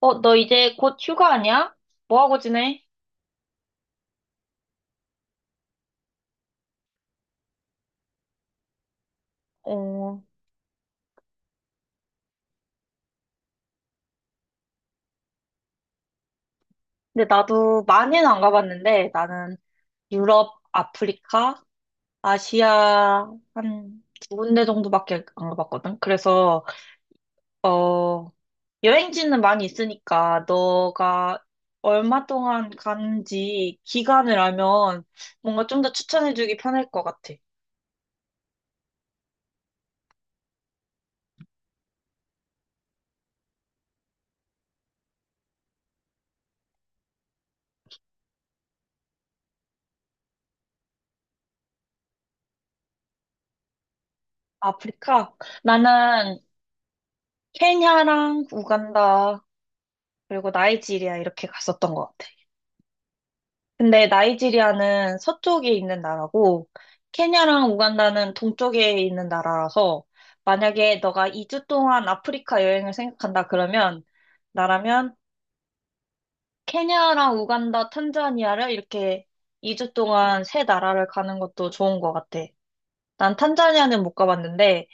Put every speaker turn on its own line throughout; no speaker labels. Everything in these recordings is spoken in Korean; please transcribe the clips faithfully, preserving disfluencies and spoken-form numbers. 어, 너 이제 곧 휴가 아니야? 뭐 하고 지내? 어, 근데 나도 많이는 안 가봤는데 나는 유럽, 아프리카, 아시아 한 두 군데 정도밖에 안 가봤거든. 그래서 어, 여행지는 많이 있으니까 너가 얼마 동안 가는지 기간을 알면 뭔가 좀 더 추천해주기 편할 것 같아. 아프리카? 나는 케냐랑 우간다 그리고 나이지리아 이렇게 갔었던 것 같아. 근데 나이지리아는 서쪽에 있는 나라고 케냐랑 우간다는 동쪽에 있는 나라라서 만약에 너가 이 주 동안 아프리카 여행을 생각한다 그러면 나라면 케냐랑 우간다, 탄자니아를 이렇게 이 주 동안 세 나라를 가는 것도 좋은 것 같아. 난 탄자니아는 못 가봤는데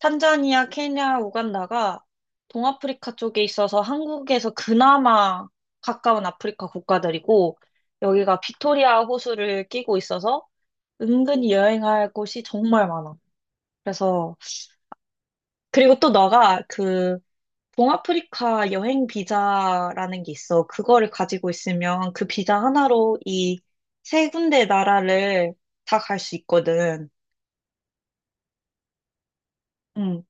탄자니아, 케냐, 우간다가 동아프리카 쪽에 있어서 한국에서 그나마 가까운 아프리카 국가들이고 여기가 빅토리아 호수를 끼고 있어서 은근히 여행할 곳이 정말 많아. 그래서 그리고 또 너가 그 동아프리카 여행 비자라는 게 있어. 그거를 가지고 있으면 그 비자 하나로 이 세 군데 나라를 다 갈 수 있거든. 음.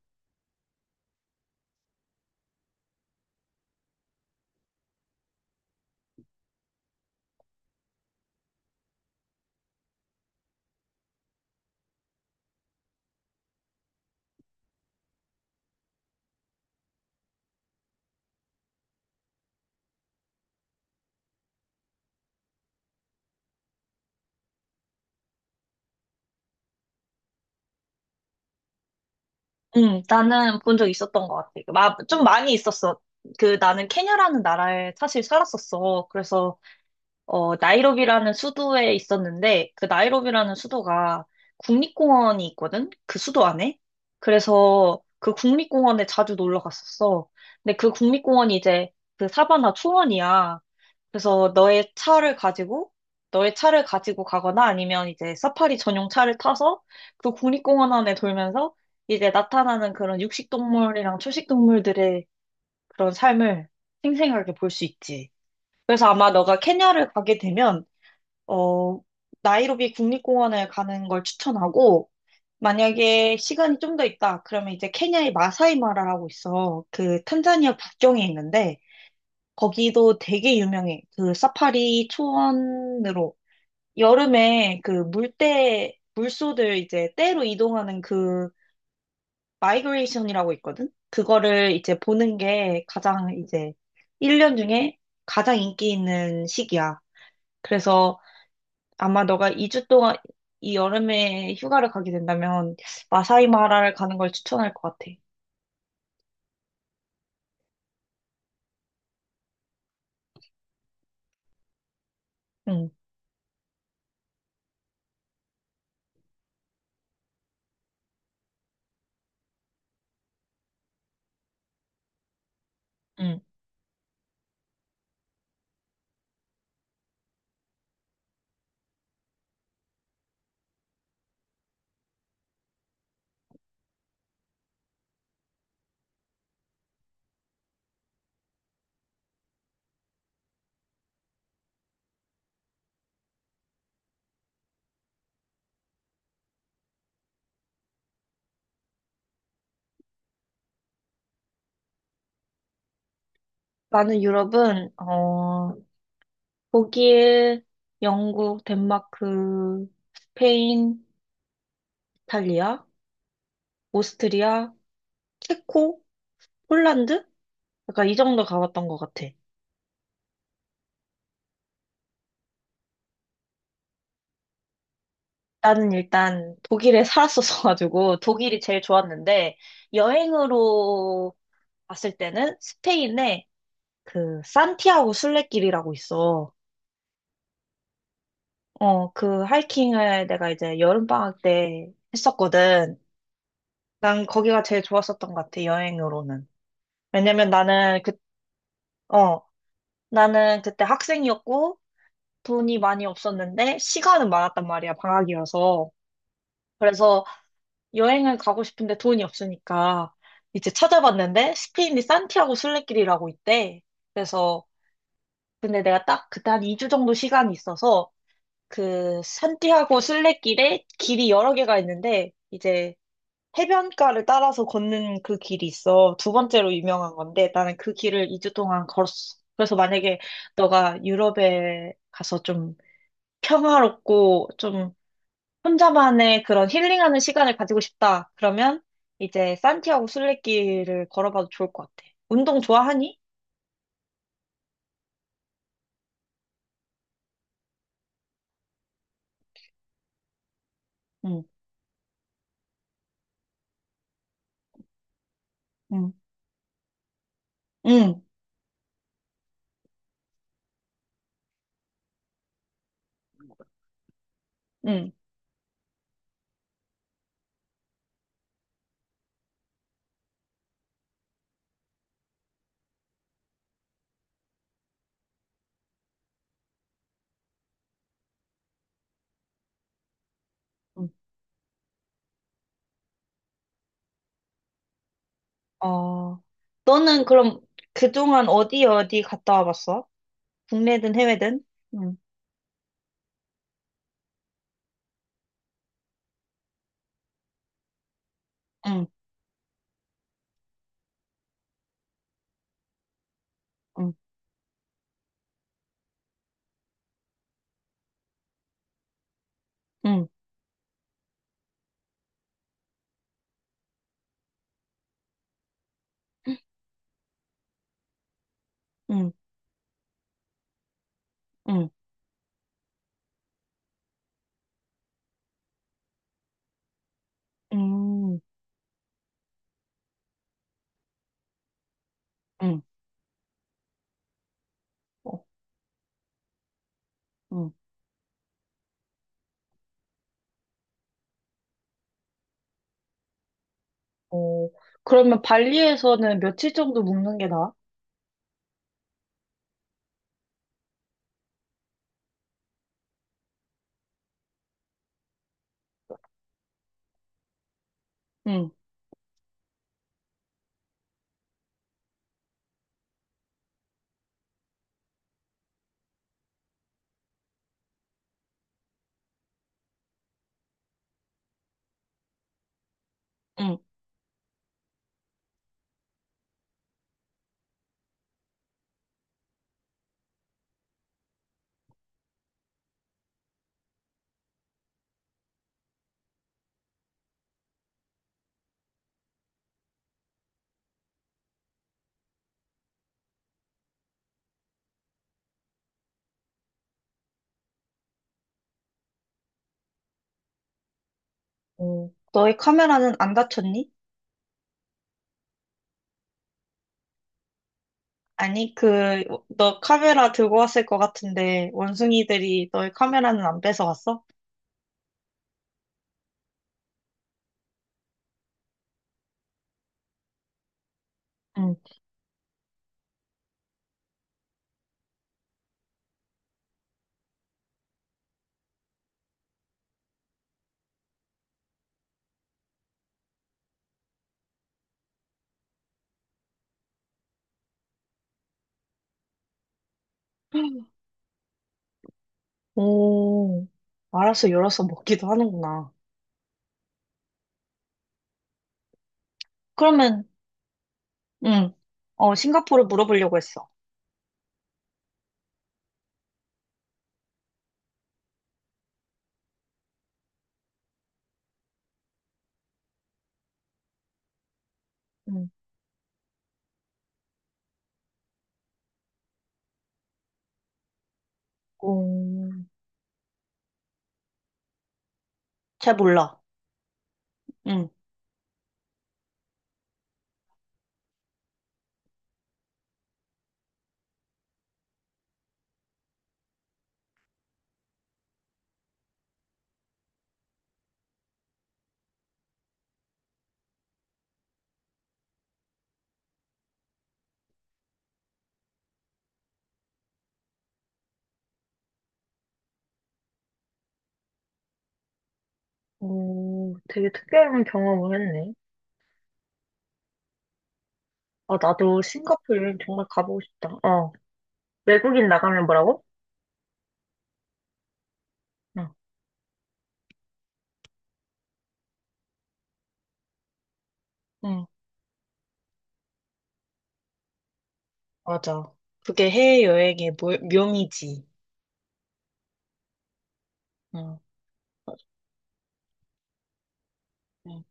응. 나는 본 적 있었던 것 같아. 마, 좀 많이 있었어. 그, 나는 케냐라는 나라에 사실 살았었어. 그래서, 어, 나이로비라는 수도에 있었는데, 그 나이로비라는 수도가 국립공원이 있거든? 그 수도 안에? 그래서 그 국립공원에 자주 놀러 갔었어. 근데 그 국립공원이 이제 그 사바나 초원이야. 그래서 너의 차를 가지고, 너의 차를 가지고 가거나 아니면 이제 사파리 전용 차를 타서 그 국립공원 안에 돌면서 이제 나타나는 그런 육식동물이랑 초식동물들의 그런 삶을 생생하게 볼 수 있지. 그래서 아마 너가 케냐를 가게 되면, 어, 나이로비 국립공원을 가는 걸 추천하고, 만약에 시간이 좀 더 있다, 그러면 이제 케냐의 마사이 마라라고 있어. 그 탄자니아 국경에 있는데, 거기도 되게 유명해. 그 사파리 초원으로. 여름에 그 물대, 물소들 이제 떼로 이동하는 그 마이그레이션이라고 있거든? 그거를 이제 보는 게 가장 이제 일 년 중에 가장 인기 있는 시기야. 그래서 아마 너가 이 주 동안 이 여름에 휴가를 가게 된다면 마사이 마라를 가는 걸 추천할 것 같아. 응. 응. 나는 유럽은, 어, 독일, 영국, 덴마크, 스페인, 이탈리아, 오스트리아, 체코, 폴란드? 약간 이 정도 가봤던 것 같아. 나는 일단 독일에 살았었어가지고 독일이 제일 좋았는데 여행으로 봤을 때는 스페인에 그 산티아고 순례길이라고 있어. 어, 그 하이킹을 내가 이제 여름방학 때 했었거든. 난 거기가 제일 좋았었던 것 같아, 여행으로는. 왜냐면 나는 그, 어, 나는 그때 학생이었고 돈이 많이 없었는데 시간은 많았단 말이야, 방학이어서. 그래서 여행을 가고 싶은데 돈이 없으니까 이제 찾아봤는데 스페인이 산티아고 순례길이라고 있대. 그래서 근데 내가 딱 그때 한 이 주 정도 시간이 있어서 그 산티아고 순례길에 길이 여러 개가 있는데 이제 해변가를 따라서 걷는 그 길이 있어. 두 번째로 유명한 건데 나는 그 길을 이 주 동안 걸었어. 그래서 만약에 너가 유럽에 가서 좀 평화롭고 좀 혼자만의 그런 힐링하는 시간을 가지고 싶다. 그러면 이제 산티아고 순례길을 걸어봐도 좋을 것 같아. 운동 좋아하니? 응. 응. 응. 응. 응. 어. 너는 그럼 그동안 어디 어디 갔다 와봤어? 국내든 해외든? 응. 응. 응. 응. 응. 응. 응. 응. 어. 응. 어, 그러면 발리에서는 며칠 정도 묵는 게 나아? 응. 응. 어 너의 카메라는 안 다쳤니? 아니, 그, 너 카메라 들고 왔을 것 같은데, 원숭이들이 너의 카메라는 안 뺏어갔어? 응. 오, 알아서 열어서 먹기도 하는구나. 그러면, 응, 어, 싱가포르 물어보려고 했어. 응. 오, 잘 몰라. 응. 오, 되게 특별한 경험을 했네. 아, 나도 싱가포르 여행 정말 가보고 싶다. 어, 외국인 나가면 뭐라고? 어. 맞아. 그게 해외여행의 모- 묘미지. 응. 응.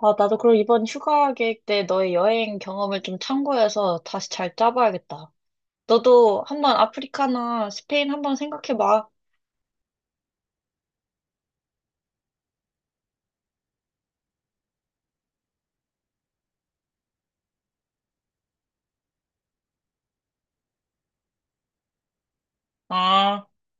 아, 나도 그럼 이번 휴가 계획 때 너의 여행 경험을 좀 참고해서 다시 잘 짜봐야겠다. 너도 한번 아프리카나 스페인 한번 생각해봐. 아.